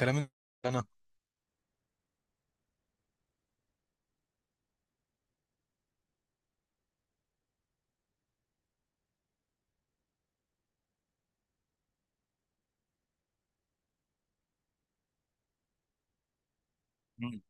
كلام انا. مم.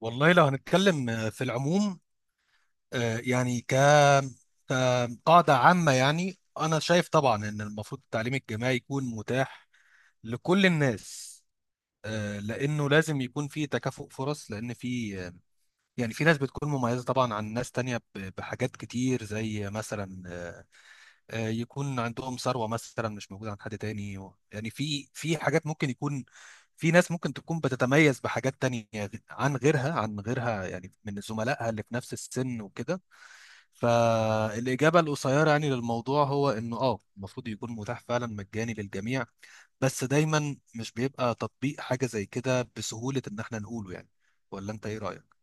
والله لو هنتكلم في العموم، آه، يعني ك كقاعدة عامة يعني أنا شايف طبعا إن المفروض التعليم الجامعي يكون متاح لكل الناس. لأنه لازم يكون في تكافؤ فرص، لأن في ناس بتكون مميزة طبعا عن ناس تانية بحاجات كتير، زي مثلا يكون عندهم ثروة مثلا مش موجودة عند حد تاني، في حاجات ممكن في ناس ممكن تكون بتتميز بحاجات تانية عن غيرها يعني، من زملائها اللي في نفس السن وكده. فالإجابة القصيرة يعني للموضوع هو إنه المفروض يكون متاح فعلا مجاني للجميع، بس دايما مش بيبقى تطبيق حاجة زي كده بسهولة إن إحنا نقوله يعني. ولا أنت إيه رأيك؟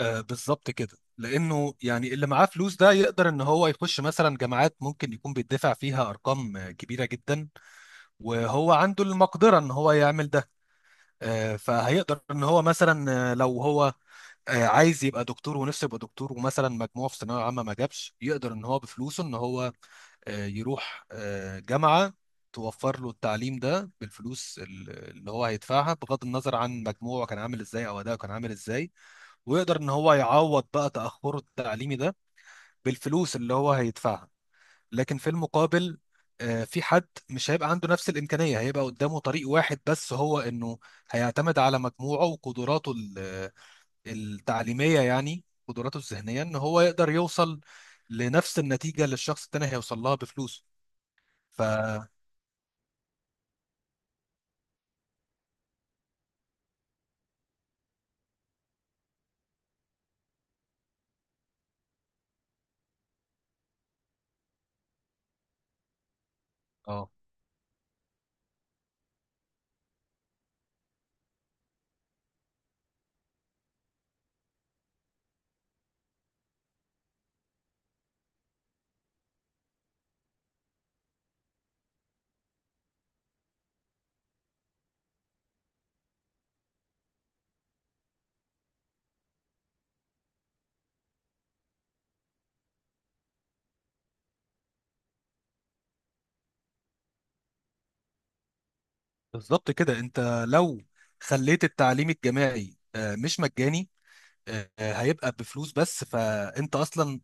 آه، بالظبط كده، لانه يعني اللي معاه فلوس ده يقدر ان هو يخش مثلا جامعات ممكن يكون بيدفع فيها ارقام كبيره جدا، وهو عنده المقدره ان هو يعمل ده. فهيقدر ان هو مثلا، لو هو عايز يبقى دكتور ونفسه يبقى دكتور، ومثلا مجموعه في ثانويه عامه ما جابش، يقدر ان هو بفلوسه ان هو يروح جامعه توفر له التعليم ده بالفلوس اللي هو هيدفعها، بغض النظر عن مجموعه كان عامل ازاي او اداؤه كان عامل ازاي، ويقدر ان هو يعوض بقى تأخره التعليمي ده بالفلوس اللي هو هيدفعها. لكن في المقابل في حد مش هيبقى عنده نفس الإمكانية، هيبقى قدامه طريق واحد بس، هو انه هيعتمد على مجموعه وقدراته التعليمية، يعني قدراته الذهنية، ان هو يقدر يوصل لنفس النتيجة اللي الشخص التاني هيوصل لها بفلوسه. ف اه بالظبط كده، انت لو خليت التعليم الجامعي مش مجاني، هيبقى بفلوس بس، فانت اصلا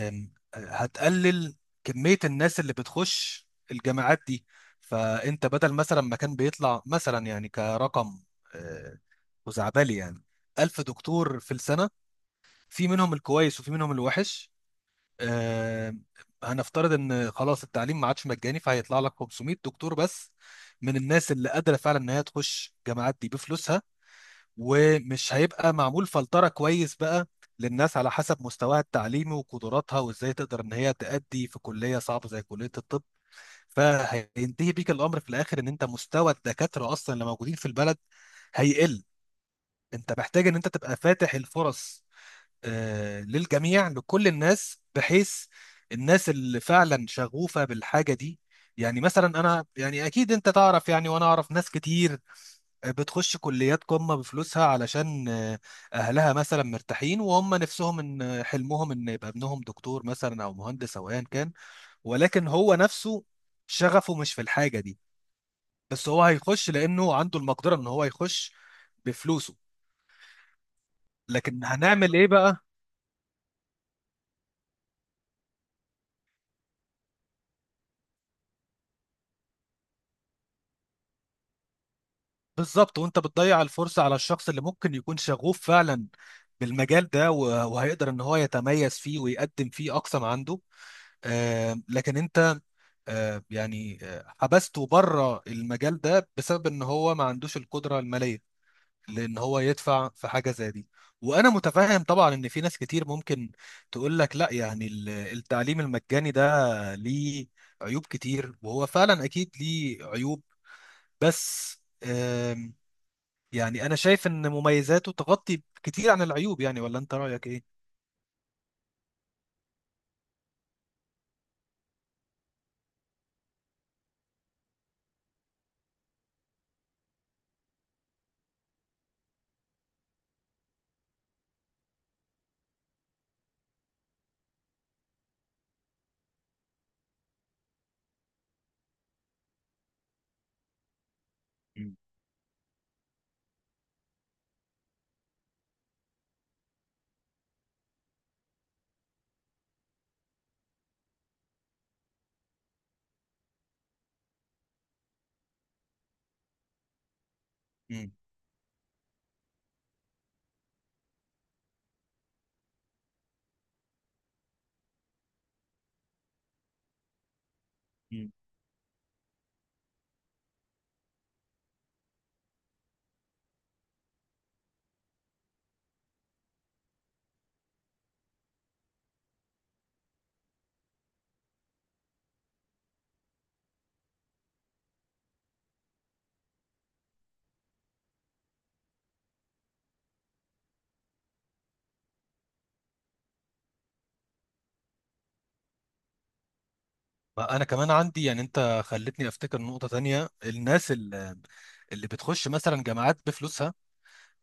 هتقلل كمية الناس اللي بتخش الجامعات دي. فأنت بدل مثلا ما كان بيطلع مثلا يعني كرقم آه، خزعبلي يعني، ألف دكتور في السنة، في منهم الكويس وفي منهم الوحش، آه، هنفترض إن خلاص التعليم ما عادش مجاني، فهيطلع لك 500 دكتور بس من الناس اللي قادرة فعلا إن هي تخش الجامعات دي بفلوسها. ومش هيبقى معمول فلترة كويس بقى للناس على حسب مستواها التعليمي وقدراتها، وازاي تقدر ان هي تأدي في كلية صعبة زي كلية الطب. فهينتهي بيك الامر في الاخر ان انت مستوى الدكاترة اصلا اللي موجودين في البلد هيقل. انت محتاج ان انت تبقى فاتح الفرص للجميع، لكل الناس، بحيث الناس اللي فعلا شغوفة بالحاجة دي. يعني مثلا انا يعني اكيد انت تعرف، يعني وانا اعرف ناس كتير بتخش كليات قمة بفلوسها علشان أهلها مثلا مرتاحين، وهم نفسهم إن حلمهم إن يبقى ابنهم دكتور مثلا أو مهندس أو أيا كان. ولكن هو نفسه شغفه مش في الحاجة دي، بس هو هيخش لأنه عنده المقدرة إن هو يخش بفلوسه. لكن هنعمل إيه بقى؟ بالظبط. وأنت بتضيع الفرصة على الشخص اللي ممكن يكون شغوف فعلا بالمجال ده، وهيقدر إن هو يتميز فيه ويقدم فيه أقصى ما عنده. لكن انت حبسته بره المجال ده بسبب ان هو ما عندوش القدره الماليه لان هو يدفع في حاجه زي دي. وانا متفاهم طبعا ان في ناس كتير ممكن تقول لك لا، يعني التعليم المجاني ده ليه عيوب كتير، وهو فعلا اكيد ليه عيوب. بس آم، يعني انا شايف ان مميزاته تغطي كتير عن العيوب يعني. ولا انت رايك ايه؟ مم. مم. ما انا كمان عندي، يعني انت خلتني افتكر نقطة تانية، الناس اللي بتخش مثلا جامعات بفلوسها.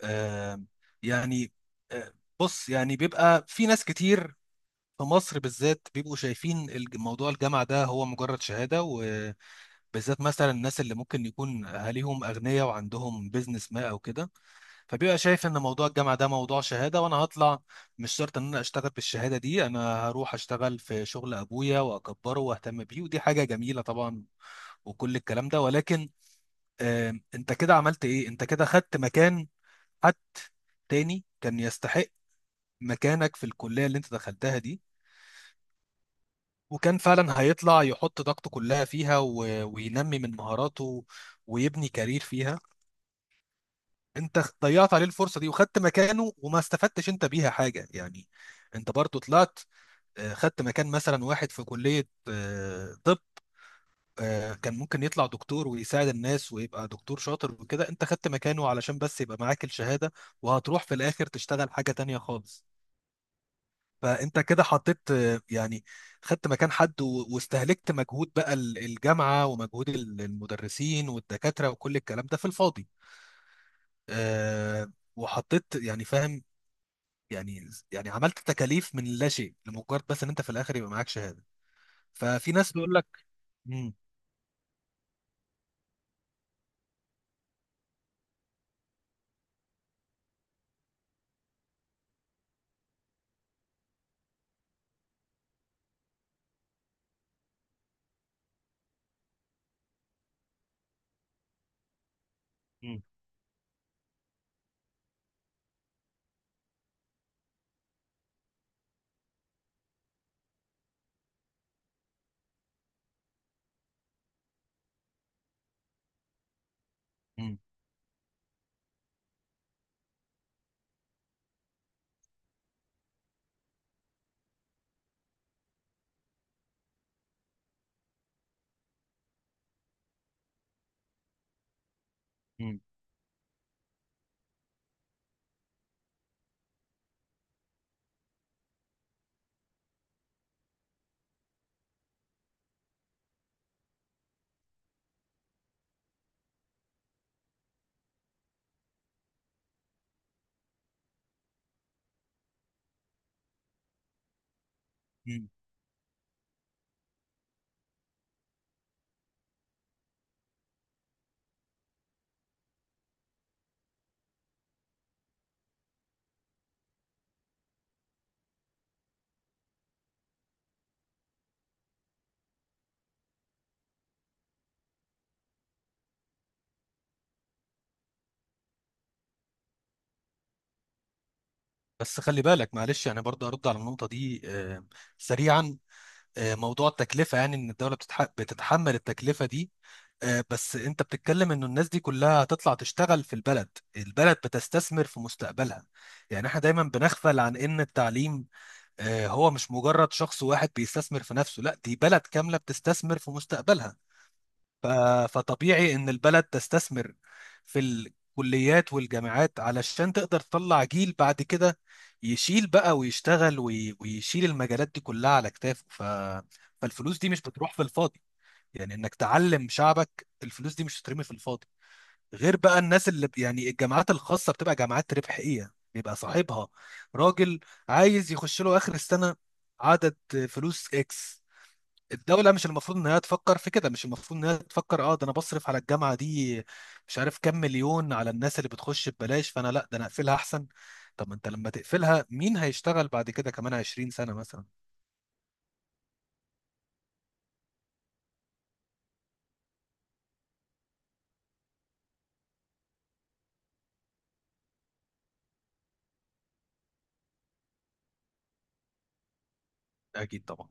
آم، يعني آه، بص يعني بيبقى في ناس كتير في مصر بالذات بيبقوا شايفين موضوع الجامعة ده هو مجرد شهادة، وبالذات مثلا الناس اللي ممكن يكون اهاليهم اغنياء وعندهم بيزنس ما او كده، فبيبقى شايف ان موضوع الجامعه ده موضوع شهاده، وانا هطلع مش شرط ان انا اشتغل بالشهاده دي، انا هروح اشتغل في شغل ابويا واكبره واهتم بيه، ودي حاجه جميله طبعا وكل الكلام ده. ولكن انت كده عملت ايه؟ انت كده خدت مكان حد تاني كان يستحق مكانك في الكليه اللي انت دخلتها دي، وكان فعلا هيطلع يحط طاقته كلها فيها، و... وينمي من مهاراته ويبني كارير فيها. انت ضيعت عليه الفرصه دي وخدت مكانه وما استفدتش انت بيها حاجه يعني. انت برضو طلعت خدت مكان مثلا واحد في كليه طب، كان ممكن يطلع دكتور ويساعد الناس ويبقى دكتور شاطر وكده، انت خدت مكانه علشان بس يبقى معاك الشهاده، وهتروح في الاخر تشتغل حاجه تانية خالص. فانت كده حطيت خدت مكان حد واستهلكت مجهود بقى الجامعه، ومجهود المدرسين والدكاتره وكل الكلام ده في الفاضي. آه، وحطيت يعني، فاهم يعني، عملت تكاليف من لا شيء لمجرد بس ان انت في الاخر يبقى معاك شهاده. ففي ناس بيقول لك مم، مم، مم، مم، مم. بس خلي بالك، معلش، يعني برضه ارد على النقطه دي سريعا. موضوع التكلفه، يعني ان الدوله بتتحمل التكلفه دي، بس انت بتتكلم انه الناس دي كلها هتطلع تشتغل في البلد، البلد بتستثمر في مستقبلها. يعني احنا دايما بنغفل عن ان التعليم هو مش مجرد شخص واحد بيستثمر في نفسه، لا، دي بلد كامله بتستثمر في مستقبلها. ف- فطبيعي ان البلد تستثمر في الكليات والجامعات علشان تقدر تطلع جيل بعد كده يشيل بقى ويشتغل ويشيل المجالات دي كلها على كتافه. ف... فالفلوس دي مش بتروح في الفاضي، يعني انك تعلم شعبك الفلوس دي مش هترمي في الفاضي. غير بقى الناس اللي ب- يعني الجامعات الخاصة بتبقى جامعات ربحية، بيبقى صاحبها راجل عايز يخش له آخر السنة عدد فلوس اكس. الدولة مش المفروض إنها تفكر في كده، مش المفروض إنها تفكر أه ده أنا بصرف على الجامعة دي مش عارف كام مليون على الناس اللي بتخش ببلاش، فأنا لأ ده أنا أقفلها أحسن. طب ما أنت لما تقفلها مين هيشتغل بعد كده كمان 20 سنة مثلا؟ أكيد طبعا.